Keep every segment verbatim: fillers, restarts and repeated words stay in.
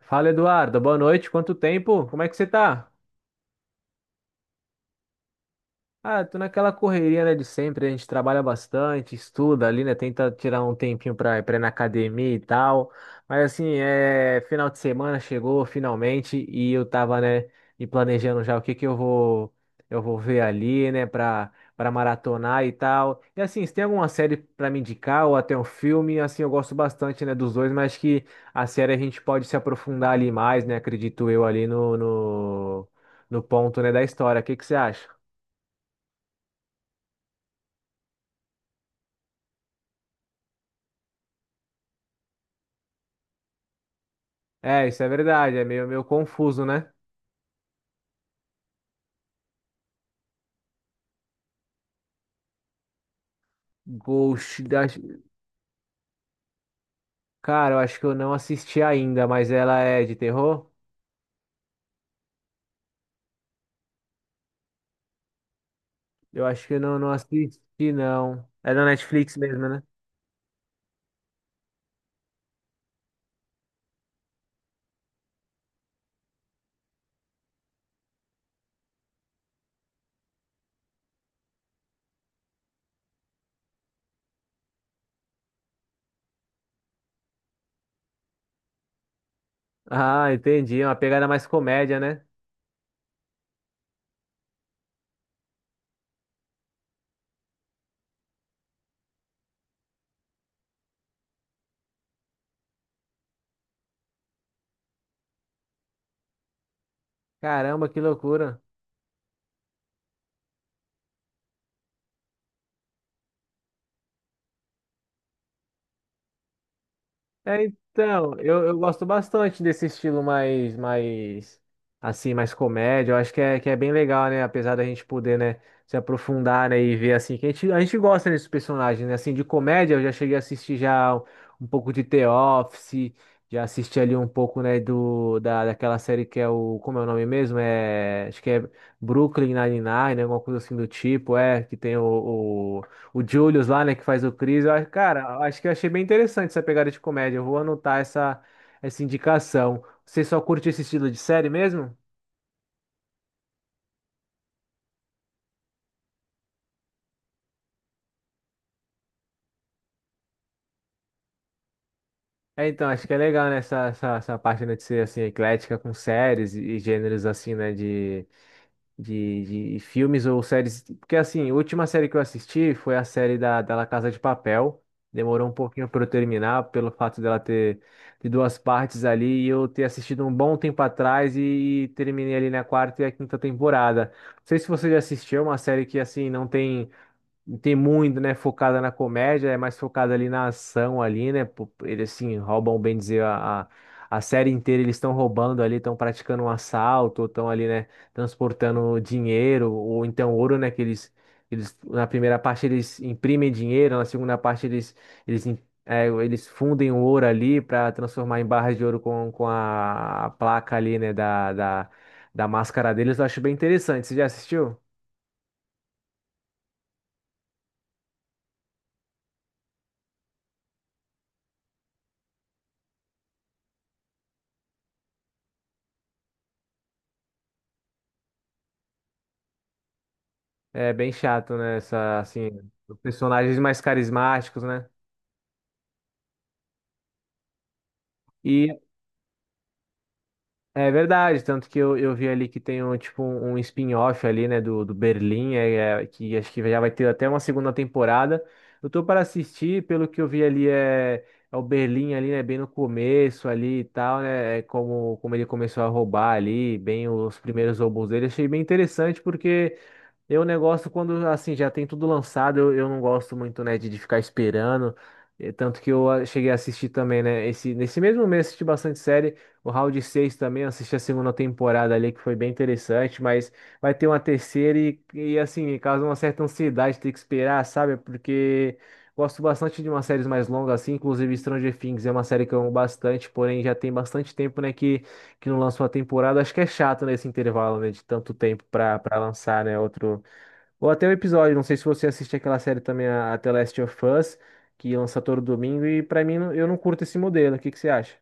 Fala, Eduardo. Boa noite. Quanto tempo? Como é que você tá? Ah, tô naquela correria, né, de sempre, a gente trabalha bastante, estuda ali, né, tenta tirar um tempinho pra, pra ir na academia e tal, mas assim, é, final de semana chegou finalmente e eu tava, né, me planejando já o que que eu vou, eu vou ver ali, né, pra, pra maratonar e tal, e assim, se tem alguma série pra me indicar ou até um filme, assim, eu gosto bastante, né, dos dois, mas que a série a gente pode se aprofundar ali mais, né, acredito eu ali no, no, no ponto, né, da história, o que que você acha? É, isso é verdade, é meio, meio confuso, né? Ghost da... Cara, eu acho que eu não assisti ainda, mas ela é de terror? Eu acho que eu não, não assisti, não. É da Netflix mesmo, né? Ah, entendi, é uma pegada mais comédia, né? Caramba, que loucura. É, então, eu, eu gosto bastante desse estilo mais, mais, assim, mais comédia. Eu acho que é, que é bem legal, né? Apesar da gente poder, né, se aprofundar, né, e ver, assim, que a gente, a gente gosta desses personagens, né? Assim, de comédia, eu já cheguei a assistir já um pouco de The Office, já assisti ali um pouco, né, do, da, daquela série que é o, como é o nome mesmo? É, acho que é Brooklyn Nine-Nine, né? Alguma coisa assim do tipo, é, que tem o, o Julius lá, né, que faz o Chris. Eu, acho- cara, eu acho que eu achei bem interessante essa pegada de comédia. Eu vou anotar essa, essa indicação. Você só curte esse estilo de série mesmo? É, então, acho que é legal, né, essa, essa, essa parte, né, de ser, assim, eclética com séries e, e gêneros, assim, né, de, de, de filmes ou séries. Porque assim, a última série que eu assisti foi a série da, da La Casa de Papel. Demorou um pouquinho para eu terminar, pelo fato dela ter de duas partes ali e eu ter assistido um bom tempo atrás e, terminei ali na quarta e a quinta temporada. Não sei se você já assistiu, é uma série que assim não tem não tem muito, né, focada na comédia, é mais focada ali na ação ali, né? Pô, eles assim roubam, bem dizer, a, a a série inteira eles estão roubando ali, estão praticando um assalto, estão ali, né, transportando dinheiro ou então ouro, né, que eles eles na primeira parte eles imprimem dinheiro, na segunda parte eles eles im- é, eles fundem o ouro ali para transformar em barras de ouro com, com a, a placa ali, né, da, da, da máscara deles. Eu acho bem interessante. Você já assistiu? É bem chato, né? Essa, assim, os personagens mais carismáticos, né? E é verdade, tanto que eu, eu vi ali que tem um, tipo, um um spin-off ali, né, do, do Berlim, é, é, que acho que já vai ter até uma segunda temporada. Eu tô para assistir, pelo que eu vi ali, é, é o Berlim ali, né, bem no começo ali e tal, né, é como, como ele começou a roubar ali, bem os primeiros roubos dele. Achei bem interessante porque eu negócio quando assim já tem tudo lançado, eu, eu não gosto muito, né, de, de ficar esperando. Eh, Tanto que eu ah, cheguei a assistir também, né? Esse, nesse mesmo mês assisti bastante série. O Round seis também, eu assisti a segunda temporada ali, que foi bem interessante, mas vai ter uma terceira e, e assim, causa uma certa ansiedade ter que esperar, sabe? Porque gosto bastante de umas séries mais longas, assim, inclusive Stranger Things é uma série que eu amo bastante, porém já tem bastante tempo, né, que, que não lança uma temporada. Acho que é chato nesse intervalo, né, de tanto tempo para lançar, né, outro. Ou até o episódio, não sei se você assiste aquela série também, a, a The Last of Us, que lança todo domingo, e pra mim não- eu não curto esse modelo. O que que você acha?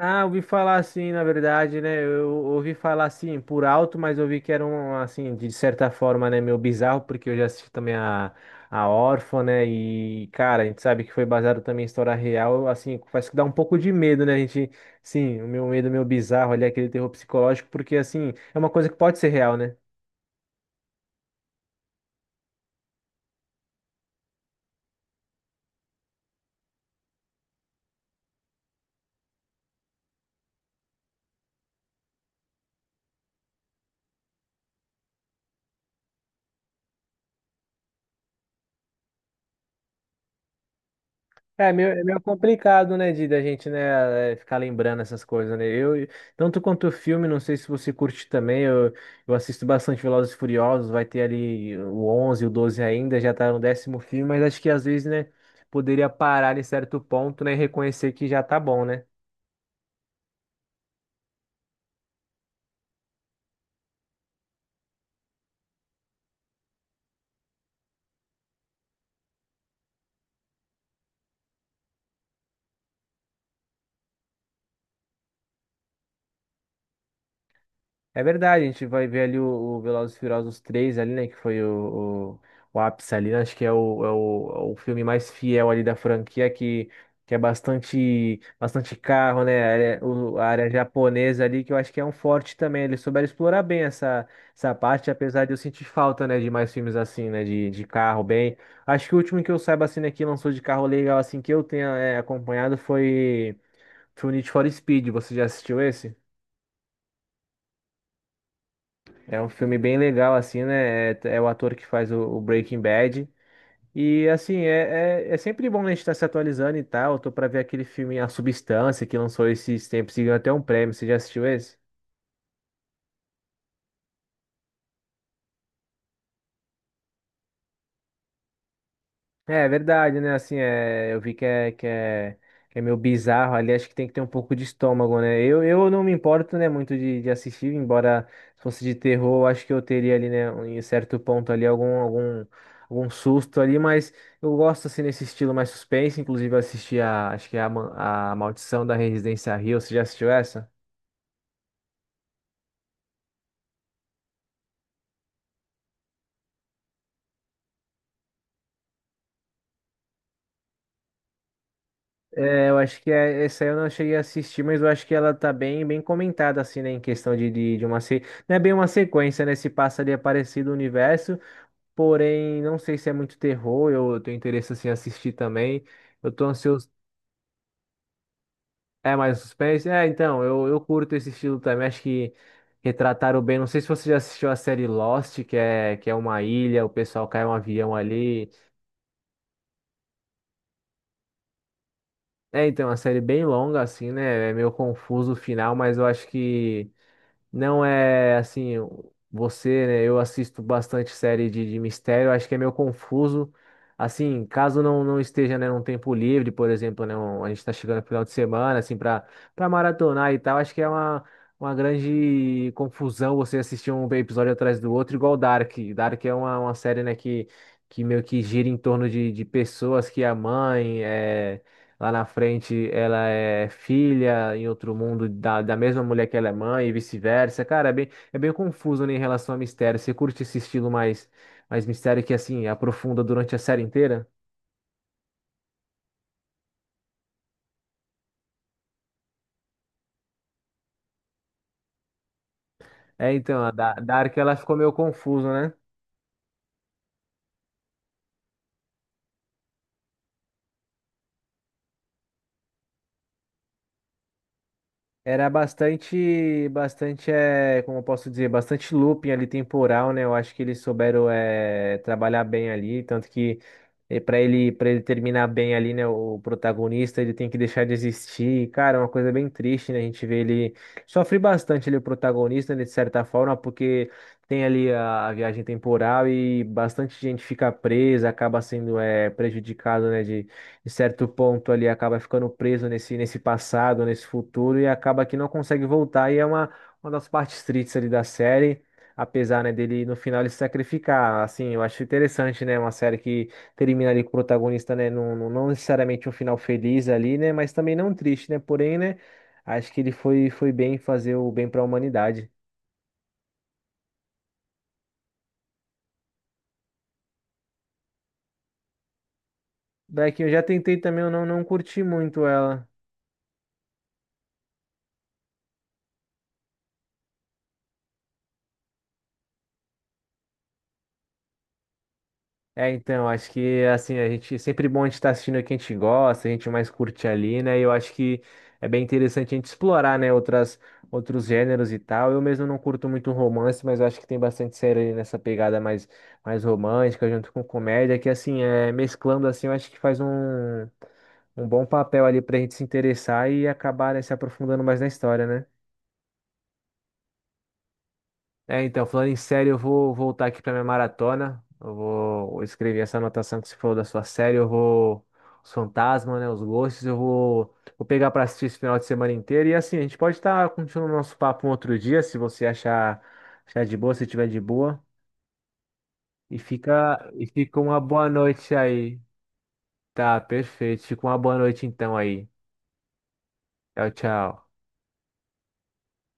Ah, ouvi falar assim, na verdade, né? Eu ouvi falar assim por alto, mas ouvi que era um, assim, de certa forma, né, meio bizarro, porque eu já assisti também a, a Órfã, né? E, cara, a gente sabe que foi baseado também em história real, assim, faz que dá um pouco de medo, né? A gente, sim, o meu medo, meu bizarro ali, aquele terror psicológico, porque, assim, é uma coisa que pode ser real, né? É é meio, é meio complicado, né, de da gente, né, eh, ficar lembrando essas coisas, né? Eu, tanto quanto o filme, não sei se você curte também, eu, eu assisto bastante Velozes e Furiosos, vai ter ali o onze, o doze ainda, já tá no décimo filme, mas acho que às vezes, né, poderia parar em certo ponto, né, e reconhecer que já tá bom, né? É verdade, a gente vai ver ali o, o Velozes e Furiosos três ali, né? Que foi o, o, o ápice ali, né? Acho que é o, é o, é o filme mais fiel ali da franquia, que, que é bastante, bastante carro, né? A área, o- a área japonesa ali, que eu acho que é um forte também. Eles souberam explorar bem essa, essa parte, apesar de eu sentir falta, né? De mais filmes assim, né? De, de carro bem. Acho que o último que eu saiba, assim, né? Que lançou de carro legal, assim, que eu tenha, é, acompanhado foi, foi o Need for Speed. Você já assistiu esse? É um filme bem legal, assim, né? É, é o ator que faz o, o Breaking Bad. E, assim, é, é, é sempre bom né, a gente estar se atualizando e tal. Eu tô pra ver aquele filme A Substância, que lançou esses tempos e ganhou até um prêmio. Você já assistiu esse? É verdade, né? Assim, é, eu vi que é, que é, que é meio bizarro ali, acho que tem que ter um pouco de estômago, né? Eu, eu não me importo, né, muito de, de assistir, embora se fosse de terror, eu acho que eu teria ali, né, um- em certo ponto ali, algum, algum, algum susto ali, mas eu gosto, assim, nesse estilo mais suspense, inclusive eu assisti a, acho que é a, Ma- a Maldição da Residência Hill, você já assistiu essa? É, eu acho que é- essa aí eu não cheguei a assistir, mas eu acho que ela tá bem, bem comentada, assim, né? Em questão de, de, de uma. Se... Não é bem uma sequência, né? Se passa ali é parecido o universo, porém, não sei se é muito terror, eu, eu tenho interesse, assim, em assistir também. Eu tô ansioso. É mais suspense? É, então, eu, eu curto esse estilo também, acho que retrataram bem. Não sei se você já assistiu a série Lost, que é, que é uma ilha, o pessoal cai um avião ali. É, então, é uma série bem longa, assim, né? É meio confuso o final, mas eu acho que. Não é assim, você, né? Eu assisto bastante série de, de mistério, acho que é meio confuso. Assim, caso não, não esteja, né, num tempo livre, por exemplo, né, um- a gente tá chegando no final de semana, assim, para para maratonar e tal, acho que é uma, uma grande confusão você assistir um episódio atrás do outro, igual Dark. Dark é uma, uma série, né, que, que meio que gira em torno de, de pessoas que a mãe é. Lá na frente, ela é filha em outro mundo da, da mesma mulher que ela é mãe e vice-versa. Cara, é bem, é bem, confuso, né, em relação a mistério. Você curte esse estilo mais, mais mistério que, assim, aprofunda durante a série inteira? É, então, a da- Dark, ela ficou meio confusa, né? Era bastante, bastante, é, como eu posso dizer, bastante looping ali temporal, né? Eu acho que eles souberam, é, trabalhar bem ali, tanto que e para ele, para ele terminar bem ali, né, o protagonista, ele tem que deixar de existir. Cara, é uma coisa bem triste, né? A gente vê ele sofre bastante ali o protagonista, né, de certa forma, porque tem ali a, a viagem temporal e bastante gente fica presa, acaba sendo é, prejudicado, né, de, de certo ponto ali, acaba ficando preso nesse nesse passado, nesse futuro e acaba que não consegue voltar e é uma uma das partes tristes ali da série. Apesar, né, dele no final ele se sacrificar, assim, eu acho interessante, né, uma série que termina ali com o protagonista, né? Não, não, não necessariamente um final feliz ali, né? Mas também não triste, né? Porém, né? Acho que ele foi, foi bem fazer o bem para a humanidade. Black, eu já tentei também, eu não, não curti muito ela. É, então, acho que assim, a gente sempre bom a gente estar assistindo o que a gente gosta, a gente mais curte ali, né? E eu acho que é bem interessante a gente explorar, né, outras outros gêneros e tal. Eu mesmo não curto muito romance, mas eu acho que tem bastante série ali nessa pegada mais mais romântica junto com comédia, que assim, é mesclando assim, eu acho que faz um um bom papel ali pra gente se interessar e acabar, né, se aprofundando mais na história, né? É, então, falando em série, eu vou voltar aqui para minha maratona. Eu vou escrever essa anotação que você falou da sua série. Eu vou. Os fantasmas, né? Os gostos. Eu vou, vou pegar para assistir esse final de semana inteiro. E assim, a gente pode estar continuando o nosso papo um outro dia, se você achar, achar de boa, se tiver de boa. E fica, e fica uma boa noite aí. Tá, perfeito. Fica uma boa noite então aí. Tchau, tchau.